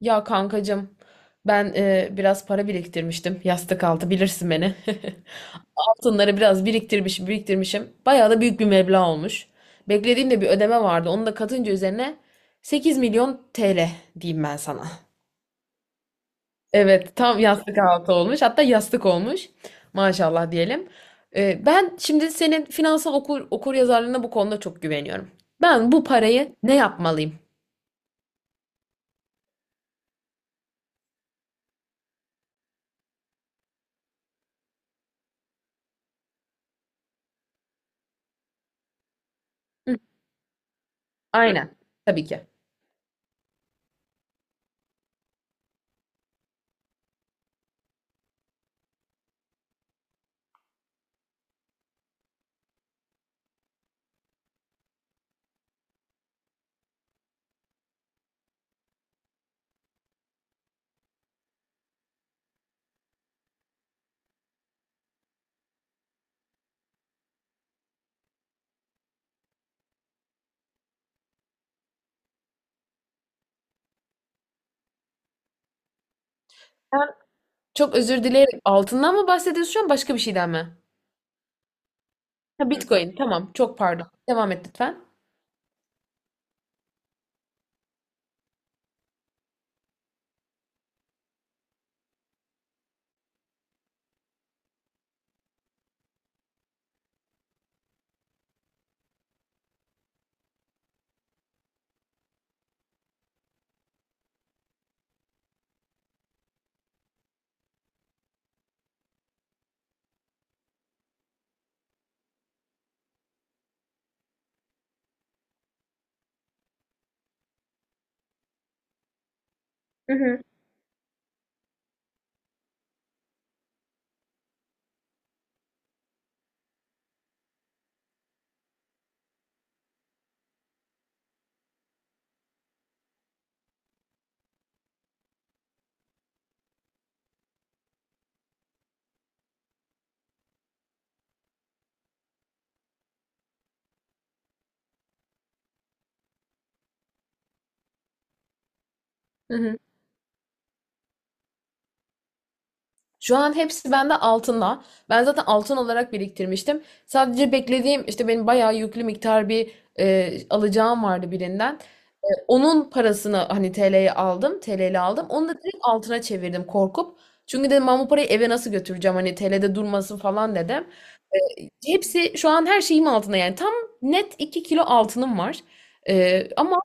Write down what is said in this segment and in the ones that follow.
Ya kankacığım ben biraz para biriktirmiştim yastık altı bilirsin beni. Altınları biraz biriktirmişim biriktirmişim. Bayağı da büyük bir meblağ olmuş. Beklediğimde bir ödeme vardı. Onu da katınca üzerine 8 milyon TL diyeyim ben sana. Evet tam yastık altı olmuş. Hatta yastık olmuş. Maşallah diyelim. Ben şimdi senin finansal okur yazarlığına bu konuda çok güveniyorum. Ben bu parayı ne yapmalıyım? Hı, aynen. Tabii ki. Çok özür dilerim. Altından mı bahsediyorsun şu an başka bir şeyden mi? Ha, Bitcoin. Tamam. Çok pardon. Devam et lütfen. Hı hı. Hı hı. Şu an hepsi bende altında. Ben zaten altın olarak biriktirmiştim. Sadece beklediğim işte benim bayağı yüklü miktar bir alacağım vardı birinden. Onun parasını hani TL'ye aldım. TL'li aldım. Onu da direkt altına çevirdim korkup. Çünkü dedim ben bu parayı eve nasıl götüreceğim hani TL'de durmasın falan dedim. Hepsi şu an her şeyim altında, yani tam net 2 kilo altınım var. Ama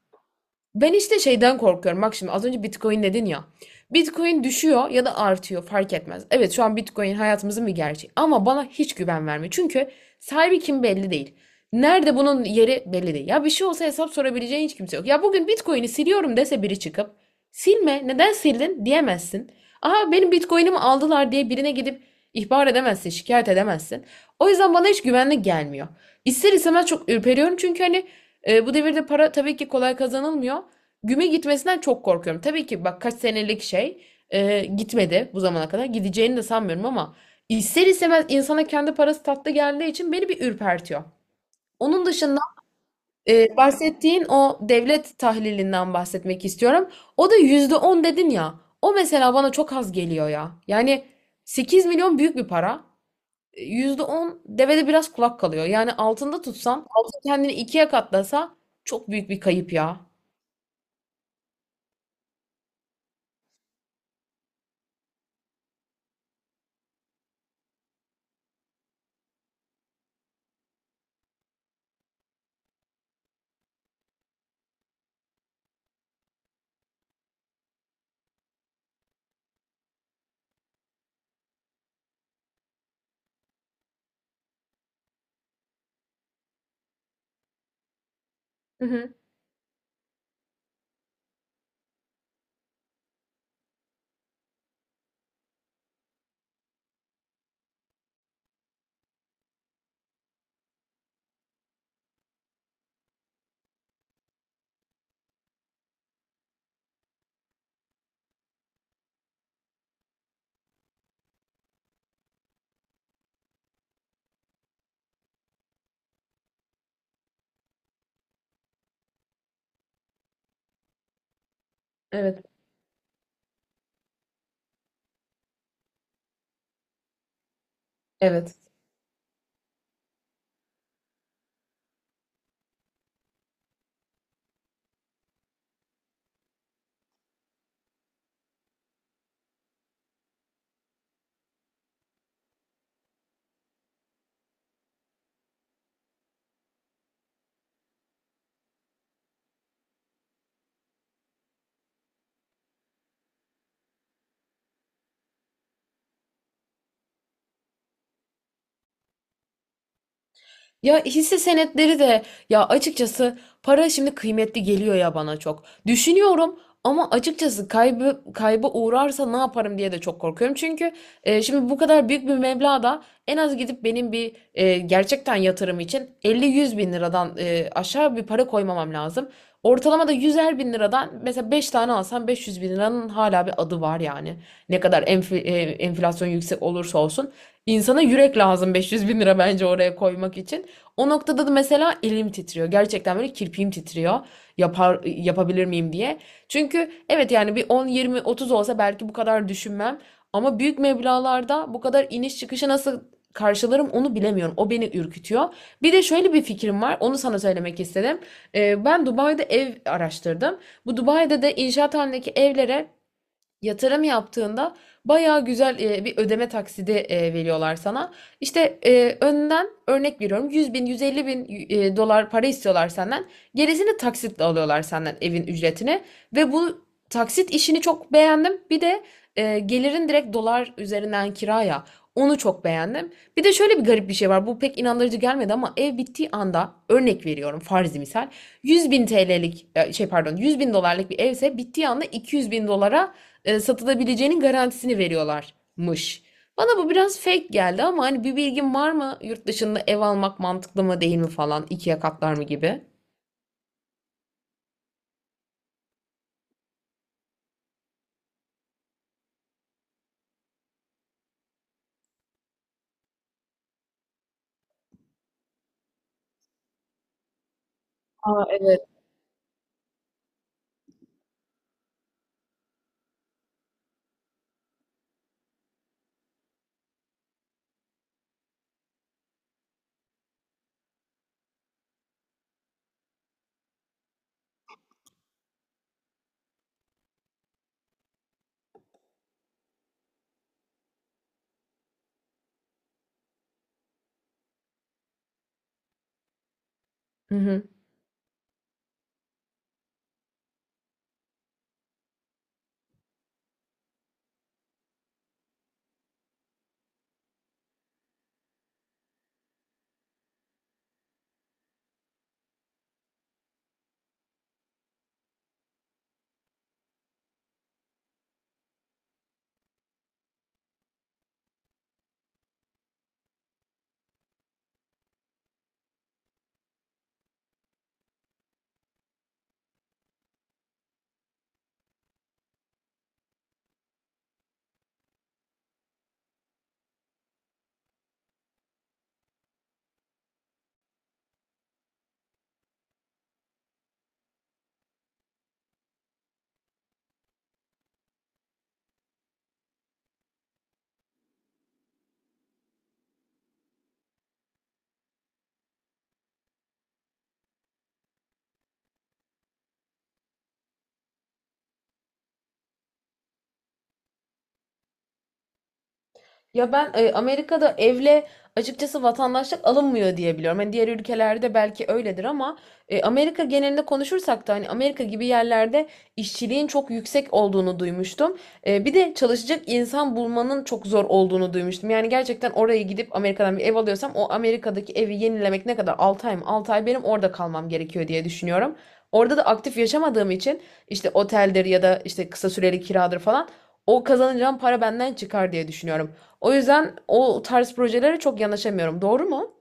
ben işte şeyden korkuyorum. Bak şimdi az önce Bitcoin dedin ya. Bitcoin düşüyor ya da artıyor, fark etmez. Evet, şu an Bitcoin hayatımızın bir gerçeği ama bana hiç güven vermiyor. Çünkü sahibi kim belli değil. Nerede bunun yeri belli değil. Ya bir şey olsa hesap sorabileceğin hiç kimse yok. Ya bugün Bitcoin'i siliyorum dese biri çıkıp, silme neden sildin diyemezsin. Aha benim Bitcoin'imi aldılar diye birine gidip ihbar edemezsin, şikayet edemezsin. O yüzden bana hiç güvenli gelmiyor. İster istemez çok ürperiyorum, çünkü hani bu devirde para tabii ki kolay kazanılmıyor. Güme gitmesinden çok korkuyorum. Tabii ki bak, kaç senelik şey gitmedi bu zamana kadar. Gideceğini de sanmıyorum ama ister istemez insana kendi parası tatlı geldiği için beni bir ürpertiyor. Onun dışında bahsettiğin o devlet tahlilinden bahsetmek istiyorum. O da %10 dedin ya. O mesela bana çok az geliyor ya. Yani 8 milyon büyük bir para. Yüzde on devede biraz kulak kalıyor. Yani altında tutsan, altın kendini ikiye katlasa çok büyük bir kayıp ya. Hı hı. Evet. Evet. Ya, hisse senetleri de ya, açıkçası para şimdi kıymetli geliyor ya bana, çok. Düşünüyorum ama açıkçası kaybı kayba uğrarsa ne yaparım diye de çok korkuyorum. Çünkü şimdi bu kadar büyük bir meblağda en az gidip benim bir gerçekten yatırım için elli yüz bin liradan aşağı bir para koymamam lazım. Ortalama da 100'er bin liradan mesela 5 tane alsam 500 bin liranın hala bir adı var yani. Ne kadar enflasyon yüksek olursa olsun. İnsana yürek lazım, 500 bin lira bence oraya koymak için. O noktada da mesela elim titriyor. Gerçekten böyle kirpiğim titriyor. Yapabilir miyim diye. Çünkü evet, yani bir 10, 20, 30 olsa belki bu kadar düşünmem. Ama büyük meblağlarda bu kadar iniş çıkışı nasıl karşılarım onu bilemiyorum. O beni ürkütüyor. Bir de şöyle bir fikrim var. Onu sana söylemek istedim. Ben Dubai'de ev araştırdım. Bu Dubai'de de inşaat halindeki evlere yatırım yaptığında bayağı güzel bir ödeme taksidi veriyorlar sana. İşte önden örnek veriyorum, 100 bin 150 bin dolar para istiyorlar senden. Gerisini taksitle alıyorlar senden, evin ücretini. Ve bu taksit işini çok beğendim. Bir de gelirin direkt dolar üzerinden kiraya, onu çok beğendim. Bir de şöyle bir garip bir şey var. Bu pek inandırıcı gelmedi ama ev bittiği anda, örnek veriyorum farzi misal, 100 bin TL'lik pardon, 100 bin dolarlık bir evse, bittiği anda 200 bin dolara satılabileceğinin garantisini veriyorlarmış. Bana bu biraz fake geldi ama hani bir bilgin var mı? Yurt dışında ev almak mantıklı mı değil mi falan, ikiye katlar mı gibi? Aa, evet. Hı hı. Ya ben Amerika'da evle açıkçası vatandaşlık alınmıyor diye biliyorum. Hani diğer ülkelerde belki öyledir ama Amerika genelinde konuşursak da hani Amerika gibi yerlerde işçiliğin çok yüksek olduğunu duymuştum. Bir de çalışacak insan bulmanın çok zor olduğunu duymuştum. Yani gerçekten oraya gidip Amerika'dan bir ev alıyorsam, o Amerika'daki evi yenilemek ne kadar? 6 ay mı? 6 ay benim orada kalmam gerekiyor diye düşünüyorum. Orada da aktif yaşamadığım için, işte oteldir ya da işte kısa süreli kiradır falan, o kazanacağım para benden çıkar diye düşünüyorum. O yüzden o tarz projelere çok yanaşamıyorum. Doğru mu?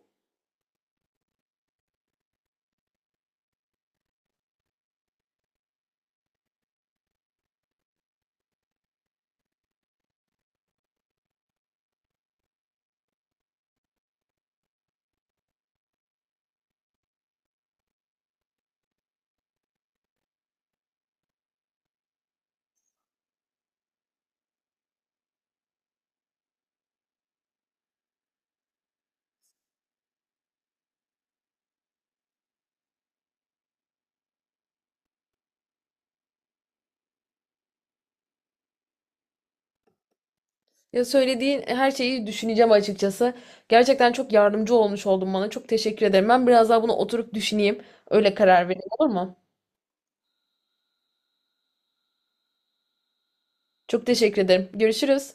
Ya, söylediğin her şeyi düşüneceğim açıkçası. Gerçekten çok yardımcı olmuş oldun bana. Çok teşekkür ederim. Ben biraz daha bunu oturup düşüneyim. Öyle karar vereyim, olur mu? Çok teşekkür ederim. Görüşürüz.